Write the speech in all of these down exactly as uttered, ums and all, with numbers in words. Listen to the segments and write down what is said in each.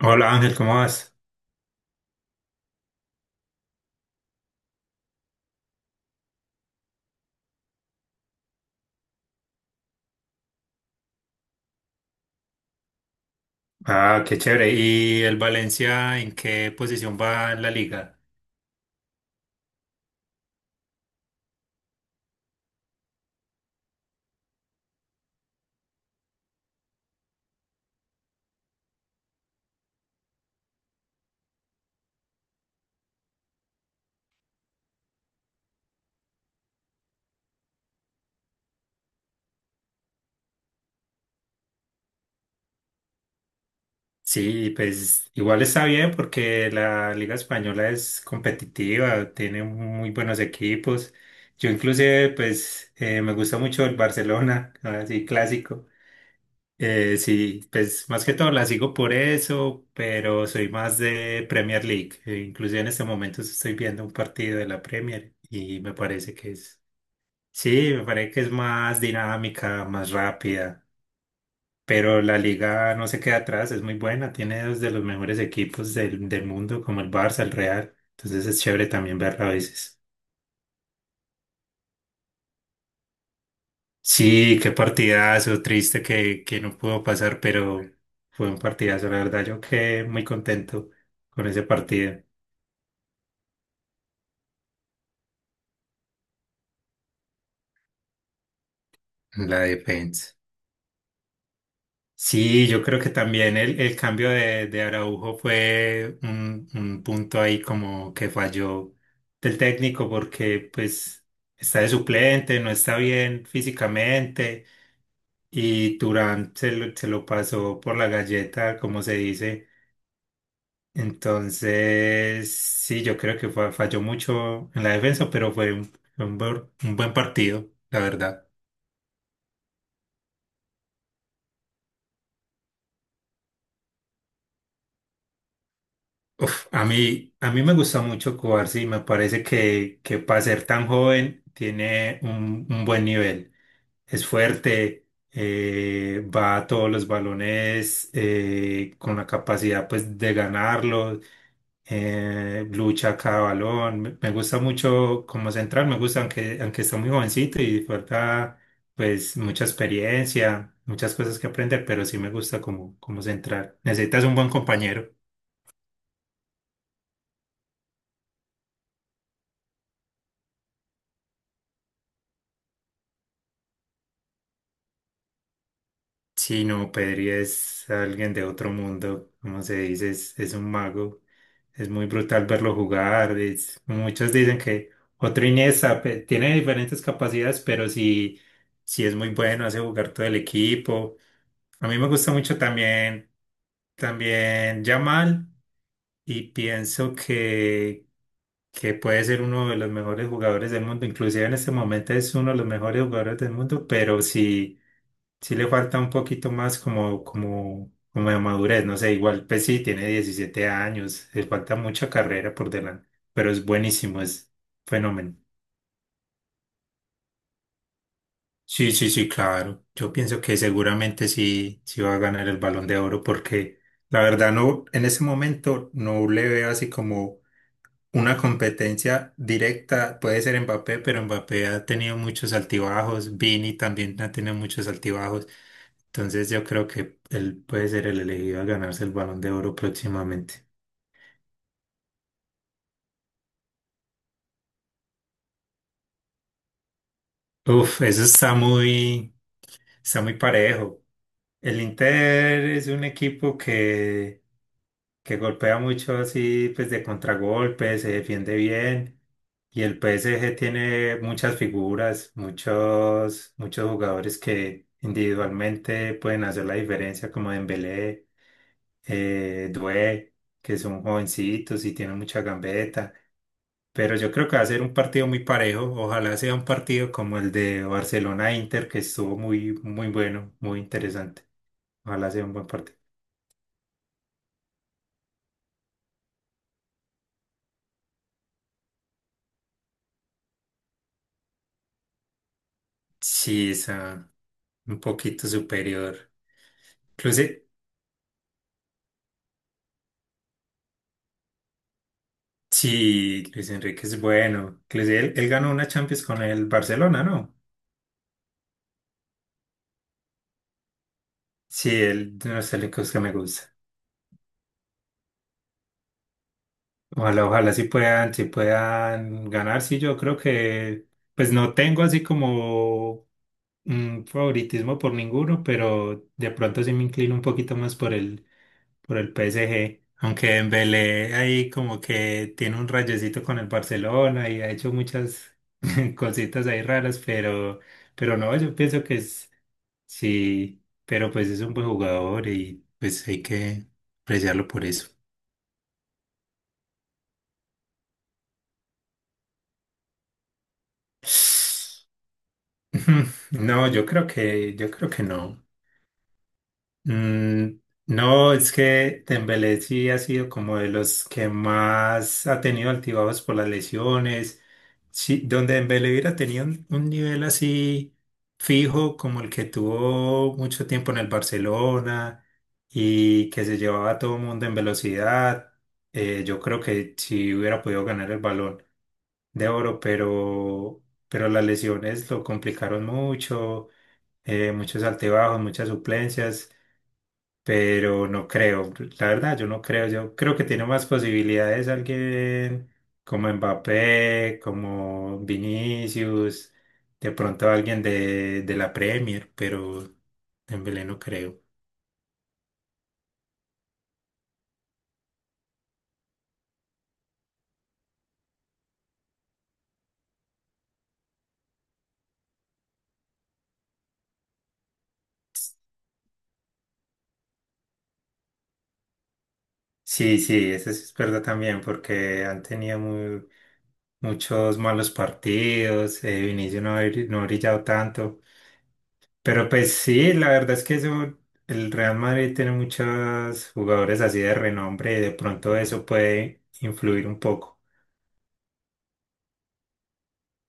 Hola Ángel, ¿cómo vas? Ah, qué chévere. ¿Y el Valencia en qué posición va en la liga? Sí, pues igual está bien porque la liga española es competitiva, tiene muy buenos equipos. Yo inclusive pues eh, me gusta mucho el Barcelona, así clásico. Eh, sí, pues más que todo la sigo por eso, pero soy más de Premier League. Eh, inclusive en este momento estoy viendo un partido de la Premier y me parece que es. Sí, me parece que es más dinámica, más rápida, pero la liga no se queda atrás, es muy buena, tiene dos de los mejores equipos del, del mundo, como el Barça, el Real, entonces es chévere también verla a veces. Sí, qué partidazo, triste que, que no pudo pasar, pero fue un partidazo, la verdad, yo quedé muy contento con ese partido, la defensa. Sí, yo creo que también el, el cambio de, de Araujo fue un, un punto ahí como que falló del técnico porque pues está de suplente, no está bien físicamente y Turán se lo, se lo pasó por la galleta, como se dice. Entonces, sí, yo creo que fa- falló mucho en la defensa, pero fue un, un buen un buen partido, la verdad. Uf, a mí, a mí me gusta mucho Cubarsí, me parece que, que para ser tan joven tiene un, un buen nivel. Es fuerte, eh, va a todos los balones eh, con la capacidad pues de ganarlos, eh, lucha cada balón. Me, me gusta mucho como central, me gusta aunque, aunque está muy jovencito y falta pues mucha experiencia, muchas cosas que aprender, pero sí me gusta como, como central. Necesitas un buen compañero. Sí, no, Pedri es alguien de otro mundo, como se dice, es, es un mago. Es muy brutal verlo jugar. Es- muchos dicen que otro Inés Ape- tiene diferentes capacidades, pero sí, sí es muy bueno, hace jugar todo el equipo. A mí me gusta mucho también, también Yamal y pienso que, que puede ser uno de los mejores jugadores del mundo. Inclusive en este momento es uno de los mejores jugadores del mundo, pero sí sí le falta un poquito más como, como, como de madurez, no sé, igual pues sí, tiene diecisiete años, le falta mucha carrera por delante, pero es buenísimo, es fenomenal. Sí, sí, sí, claro. Yo pienso que seguramente sí, sí va a ganar el Balón de Oro porque la verdad no, en ese momento no le veo así como una competencia directa. Puede ser Mbappé, pero Mbappé ha tenido muchos altibajos. Vini también ha tenido muchos altibajos. Entonces yo creo que él puede ser el elegido a ganarse el Balón de Oro próximamente. Uf, eso está muy, está muy parejo. El Inter es un equipo que que golpea mucho así, pues de contragolpe, se defiende bien. Y el P S G tiene muchas figuras, muchos, muchos jugadores que individualmente pueden hacer la diferencia, como Dembélé, eh, Doué, que son jovencitos y tienen mucha gambeta. Pero yo creo que va a ser un partido muy parejo. Ojalá sea un partido como el de Barcelona-Inter, que estuvo muy, muy bueno, muy interesante. Ojalá sea un buen partido. Sí, está un poquito superior. Inclusive, sí, Luis Enrique es bueno. Inclusive él, él ganó una Champions con el Barcelona, ¿no? Sí, él de los técnicos que me gusta. Ojalá, ojalá sí puedan, sí puedan ganar. Sí, yo creo que, pues no tengo así como un favoritismo por ninguno, pero de pronto sí me inclino un poquito más por el, por el P S G. Aunque Dembélé ahí como que tiene un rayecito con el Barcelona y ha hecho muchas cositas ahí raras, pero, pero no, yo pienso que es, sí, pero pues es un buen jugador y pues hay que apreciarlo por eso. Ujú. No, yo creo que, yo creo que no. Mm, no, es que Dembélé sí ha sido como de los que más ha tenido altibajos por las lesiones. Sí, donde Dembélé hubiera tenido un, un nivel así fijo como el que tuvo mucho tiempo en el Barcelona y que se llevaba a todo el mundo en velocidad, eh, yo creo que sí hubiera podido ganar el balón de oro, pero, pero las lesiones lo complicaron mucho eh, muchos altibajos, muchas suplencias, pero no creo, la verdad yo no creo, yo creo que tiene más posibilidades alguien como Mbappé, como Vinicius, de pronto alguien de, de la Premier, pero Dembélé no creo. Sí, sí, eso sí es verdad también, porque han tenido muy, muchos malos partidos, eh, Vinicius no ha bri- no ha brillado tanto. Pero pues sí, la verdad es que eso, el Real Madrid tiene muchos jugadores así de renombre y de pronto eso puede influir un poco.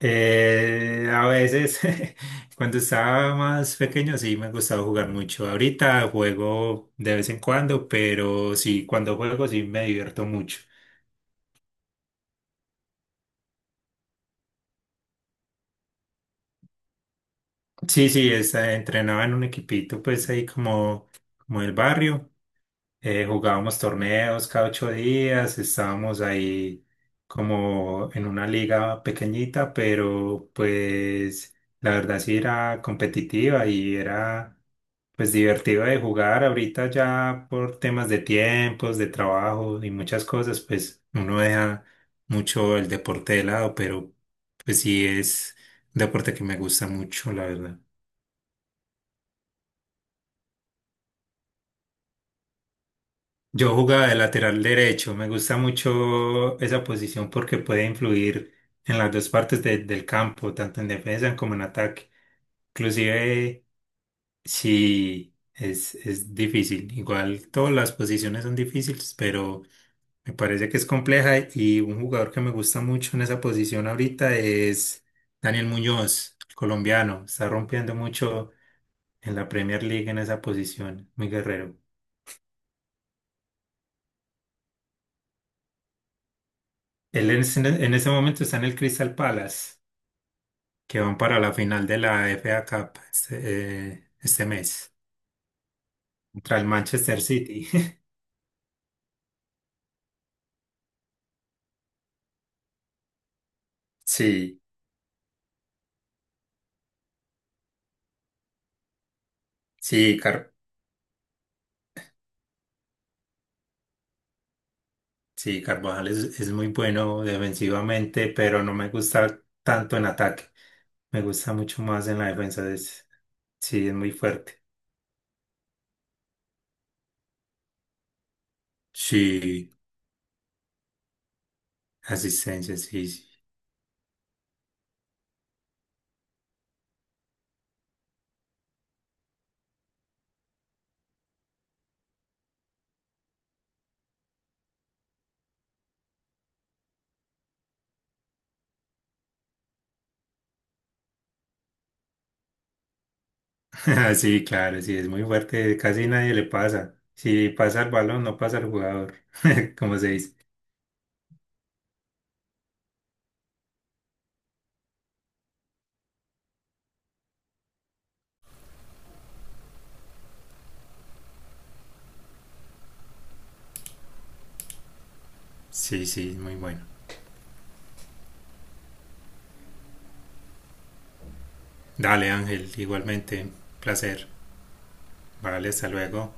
Eh, a veces, cuando estaba más pequeño, sí me gustaba jugar mucho. Ahorita juego de vez en cuando, pero sí, cuando juego sí me divierto mucho. Sí, sí, es- eh, entrenaba en un equipito pues ahí como, como el barrio. Eh, jugábamos torneos cada ocho días, estábamos ahí como en una liga pequeñita, pero pues la verdad sí era competitiva y era pues divertido de jugar. Ahorita ya por temas de tiempos, de trabajo y muchas cosas, pues uno deja mucho el deporte de lado, pero pues sí es un deporte que me gusta mucho, la verdad. Yo jugaba de lateral derecho, me gusta mucho esa posición porque puede influir en las dos partes de- del campo, tanto en defensa como en ataque. Inclusive si es, es difícil, igual todas las posiciones son difíciles, pero me parece que es compleja y un jugador que me gusta mucho en esa posición ahorita es Daniel Muñoz, el colombiano, está rompiendo mucho en la Premier League en esa posición, muy guerrero. Él en ese en ese momento está en el Crystal Palace. Que van para la final de la F A Cup este, eh, este mes contra el Manchester City. Sí, sí, Car- sí, Carvajal es, es muy bueno defensivamente, pero no me gusta tanto en ataque. Me gusta mucho más en la defensa. Es- sí, es muy fuerte. Sí, asistencia, sí, sí. Sí, claro, sí, es muy fuerte. Casi nadie le pasa. Si pasa el balón, no pasa el jugador, como se dice. Sí, sí, muy bueno. Dale, Ángel, igualmente, placer. Vale, hasta luego.